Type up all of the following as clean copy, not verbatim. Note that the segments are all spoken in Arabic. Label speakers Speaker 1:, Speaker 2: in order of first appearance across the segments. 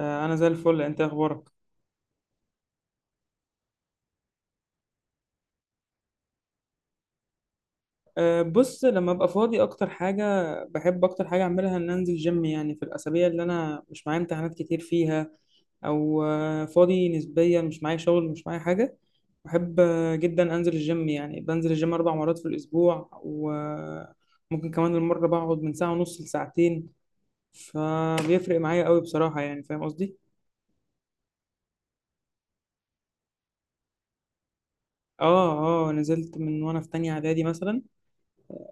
Speaker 1: آه، انا زي الفل. انت إيه اخبارك؟ آه، بص، لما ابقى فاضي اكتر حاجه بحب اكتر حاجه اعملها ان انزل جيم، يعني في الاسابيع اللي انا مش معايا امتحانات كتير فيها او فاضي نسبيا، مش معايا شغل مش معايا حاجه. بحب جدا انزل الجيم. يعني بنزل الجيم اربع مرات في الاسبوع، وممكن كمان المره بقعد من ساعه ونص لساعتين. فبيفرق معايا قوي بصراحه، يعني فاهم قصدي. اه اه، نزلت من وانا في تانية اعدادي مثلا.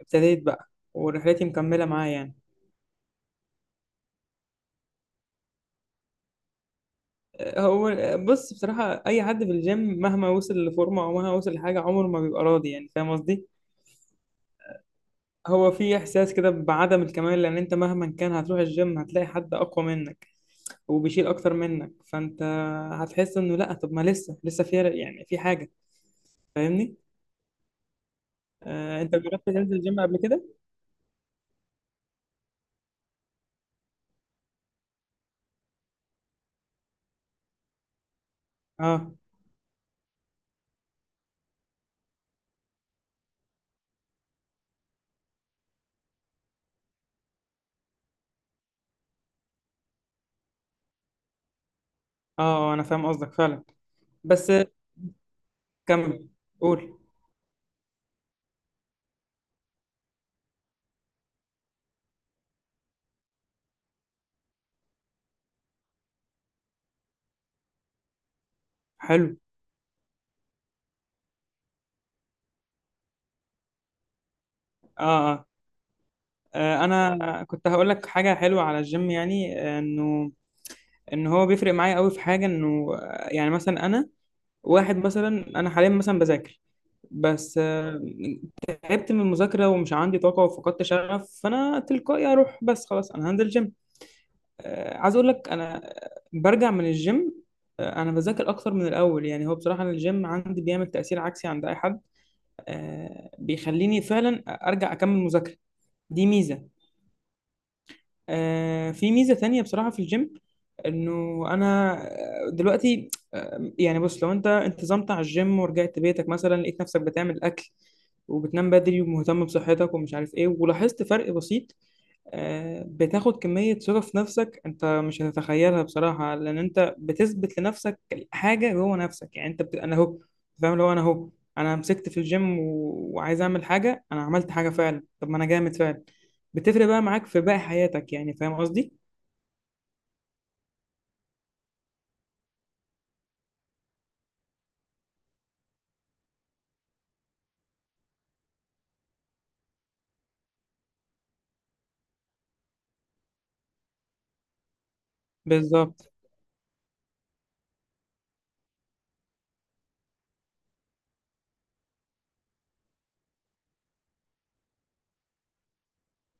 Speaker 1: ابتديت بقى ورحلتي مكمله معايا يعني. هو، بص بصراحة، أي حد في الجيم مهما وصل لفورمة أو مهما وصل لحاجة عمره ما بيبقى راضي، يعني فاهم قصدي؟ هو في إحساس كده بعدم الكمال، لأن أنت مهما كان هتروح الجيم هتلاقي حد أقوى منك وبيشيل أكتر منك، فأنت هتحس إنه لأ، طب ما لسه في يعني في حاجة. فاهمني؟ آه، أنت جربت تنزل الجيم قبل كده؟ أه أه. آه، أنا فاهم قصدك فعلا. بس كمل، قول. حلو. أه أه. آه، أنا كنت هقول لك حاجة حلوة على الجيم، يعني إنه ان هو بيفرق معايا قوي في حاجه، انه يعني مثلا انا، واحد مثلا، انا حاليا مثلا بذاكر بس تعبت من المذاكره ومش عندي طاقه وفقدت شغف، فانا تلقائي اروح، بس خلاص انا هنزل جيم. آه، عايز اقول لك، انا برجع من الجيم انا بذاكر اكتر من الاول. يعني هو بصراحه أنا الجيم عندي بيعمل تاثير عكسي عند اي حد. بيخليني فعلا ارجع اكمل مذاكره. دي ميزه. آه، في ميزة تانية بصراحة في الجيم، انه انا دلوقتي يعني بص، لو انت انتظمت على الجيم ورجعت بيتك مثلا، لقيت نفسك بتعمل اكل وبتنام بدري ومهتم بصحتك ومش عارف ايه، ولاحظت فرق بسيط. بتاخد كمية ثقة في نفسك انت مش هتتخيلها بصراحة، لان انت بتثبت لنفسك حاجة جوه نفسك، يعني انت انا اهو فاهم. لو انا اهو انا مسكت في الجيم وعايز اعمل حاجة، انا عملت حاجة فعلا. طب ما انا جامد فعلا. بتفرق بقى معاك في باقي حياتك، يعني فاهم قصدي. بالظبط.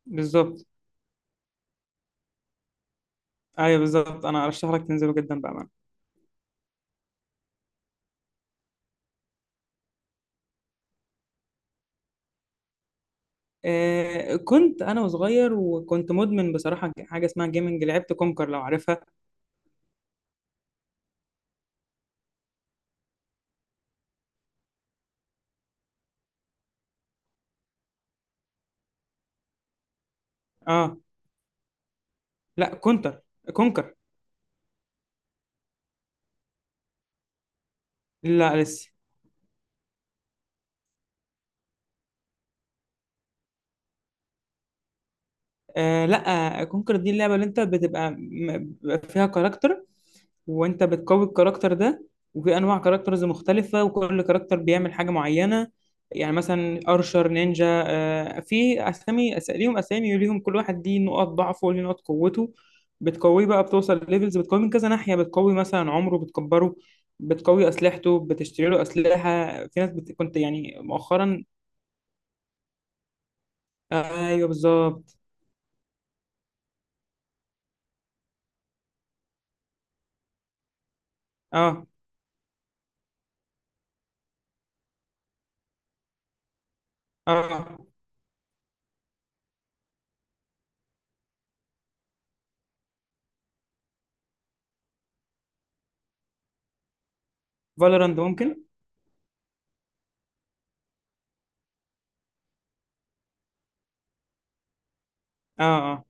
Speaker 1: بالظبط. ايوه بالظبط، انا ارشح لك تنزله جدا بأمانة. آه، كنت انا وصغير وكنت مدمن بصراحة حاجة اسمها جيمنج، لعبت كونكر، لو عارفها. اه. لا، كونتر. كونكر. لا لسه. آه لا، كونكر دي اللعبة اللي انت بتبقى بيبقى فيها كاركتر، وانت بتقوي الكاركتر ده، وفي انواع كاركترز مختلفة، وكل كاركتر بيعمل حاجة معينة. يعني مثلا ارشر، نينجا، آه في اسامي، ليهم اسامي وليهم، كل واحد ليه نقط ضعفه وليه نقط قوته. بتقويه بقى، بتوصل ليفلز، بتقوي من كذا ناحية، بتقوي مثلا عمره بتكبره، بتقوي اسلحته، بتشتري له اسلحة. في ناس كنت يعني مؤخرا. آه ايوه بالظبط. اه اه. فالورانت ممكن. اه. آه.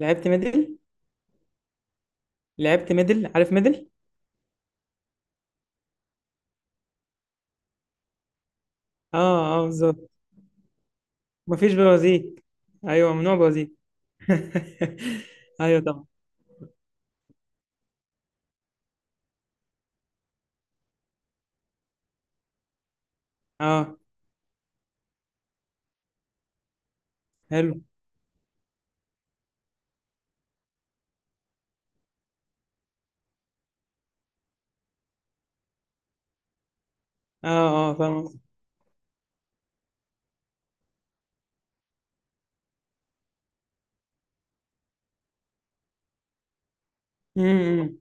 Speaker 1: لعبت ميدل. لعبت ميدل، عارف ميدل. اه اه بالظبط. مفيش بوازيك. ايوه ممنوع بوازيك. ايوه طبعا. اه حلو. اه اه فاهم قصدك. امم.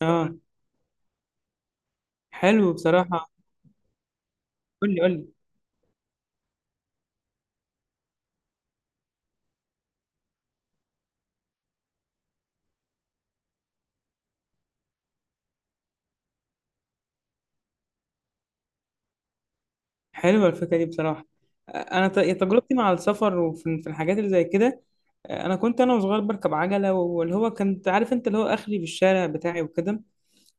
Speaker 1: اه. حلو بصراحه. قول لي قول لي. حلوه الفكره دي بصراحه. انا تجربتي مع السفر وفي في الحاجات اللي زي كده. انا كنت انا وصغير بركب عجله، واللي هو كنت عارف انت، اللي هو اخري في الشارع بتاعي وكده،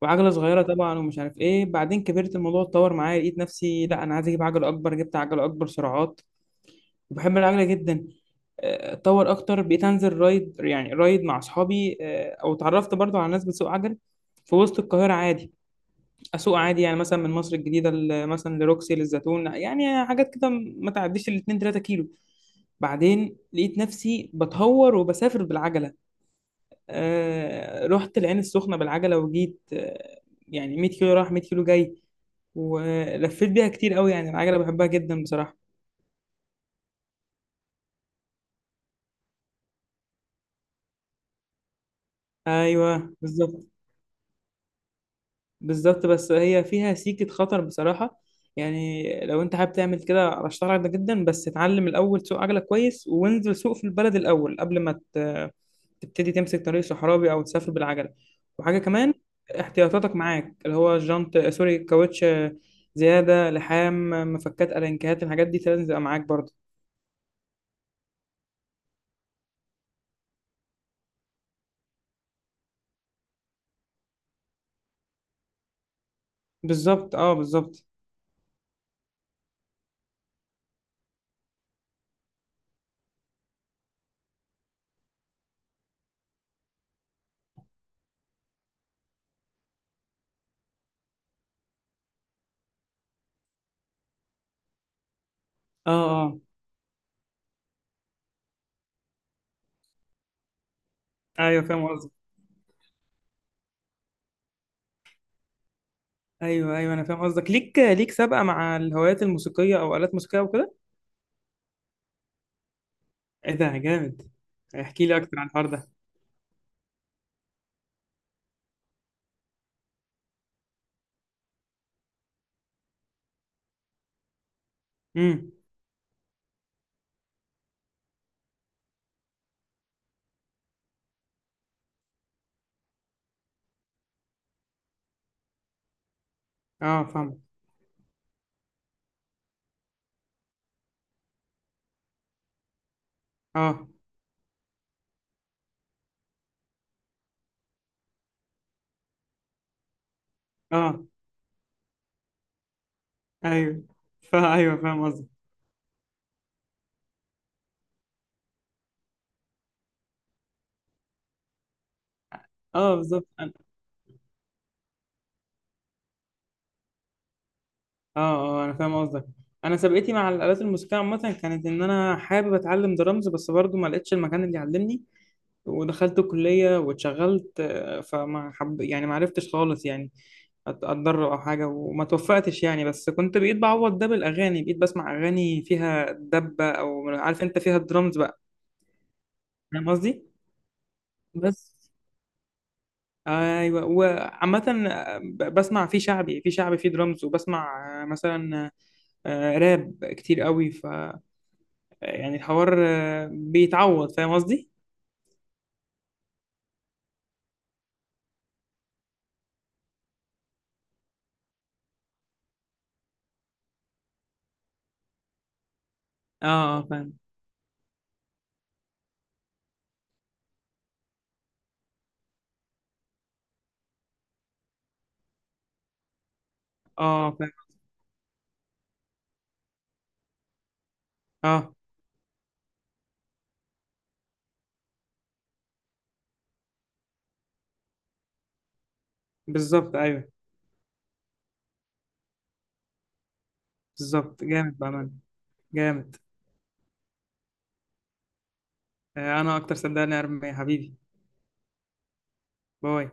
Speaker 1: وعجلة صغيرة طبعا ومش عارف ايه. بعدين كبرت، الموضوع اتطور معايا، لقيت نفسي لا انا عايز اجيب عجلة اكبر، جبت عجلة اكبر سرعات، وبحب العجلة جدا. اتطور اكتر، بقيت انزل رايد، يعني رايد مع اصحابي، او اتعرفت برضو على ناس بتسوق عجل في وسط القاهرة عادي. اسوق عادي يعني مثلا من مصر الجديدة مثلا لروكسي، للزيتون، يعني حاجات كده ما تعديش الاتنين تلاتة كيلو. بعدين لقيت نفسي بتهور وبسافر بالعجلة. آه، رحت العين السخنة بالعجلة وجيت، يعني 100 كيلو رايح 100 كيلو جاي، ولفيت بيها كتير قوي. يعني العجلة بحبها جدا بصراحة. ايوه بالظبط. بالظبط، بس هي فيها سيكة خطر بصراحة. يعني لو انت حابب تعمل كده ارشح لك ده جدا، بس اتعلم الاول، سوق عجلة كويس وانزل سوق في البلد الاول قبل ما تبتدي تمسك طريق صحراوي او تسافر بالعجلة. وحاجة كمان، احتياطاتك معاك، اللي هو جنط، سوري، كاوتش زيادة، لحام، مفكات، ألانكات، الحاجات دي لازم تبقى معاك برضه. بالظبط اه بالظبط. اه اه. ايوه فاهم. ايوه ايوه انا فاهم قصدك. ليك سابقه مع الهوايات الموسيقيه او الات موسيقيه وكده. ايه ده جامد. احكي لي اكتر عن الحوار ده. امم. اه فاهم. اه اه. ايوه. فا ايوه فاهم قصدك. اه بالظبط أنا- اه اه انا فاهم قصدك. انا سابقتي مع الالات الموسيقيه عامه كانت ان انا حابب اتعلم درامز، بس برضو ما لقيتش المكان اللي يعلمني. ودخلت كلية واتشغلت، فما حب يعني ما عرفتش خالص، يعني اتدرب او حاجة وما توفقتش يعني. بس كنت بقيت بعوض ده بالاغاني، بقيت بسمع اغاني فيها دبة، او عارف انت فيها درامز بقى، فاهم قصدي. بس ايوه. وعامة بسمع في شعبي، في شعبي في درامز، وبسمع مثلا راب كتير قوي، يعني الحوار بيتعوض، فاهم قصدي. اه آه، فاهم. اه فاهم. اه بالظبط. ايوه بالظبط جامد بأمان. جامد. آه، انا اكتر، صدقني يا ارمي حبيبي. باي.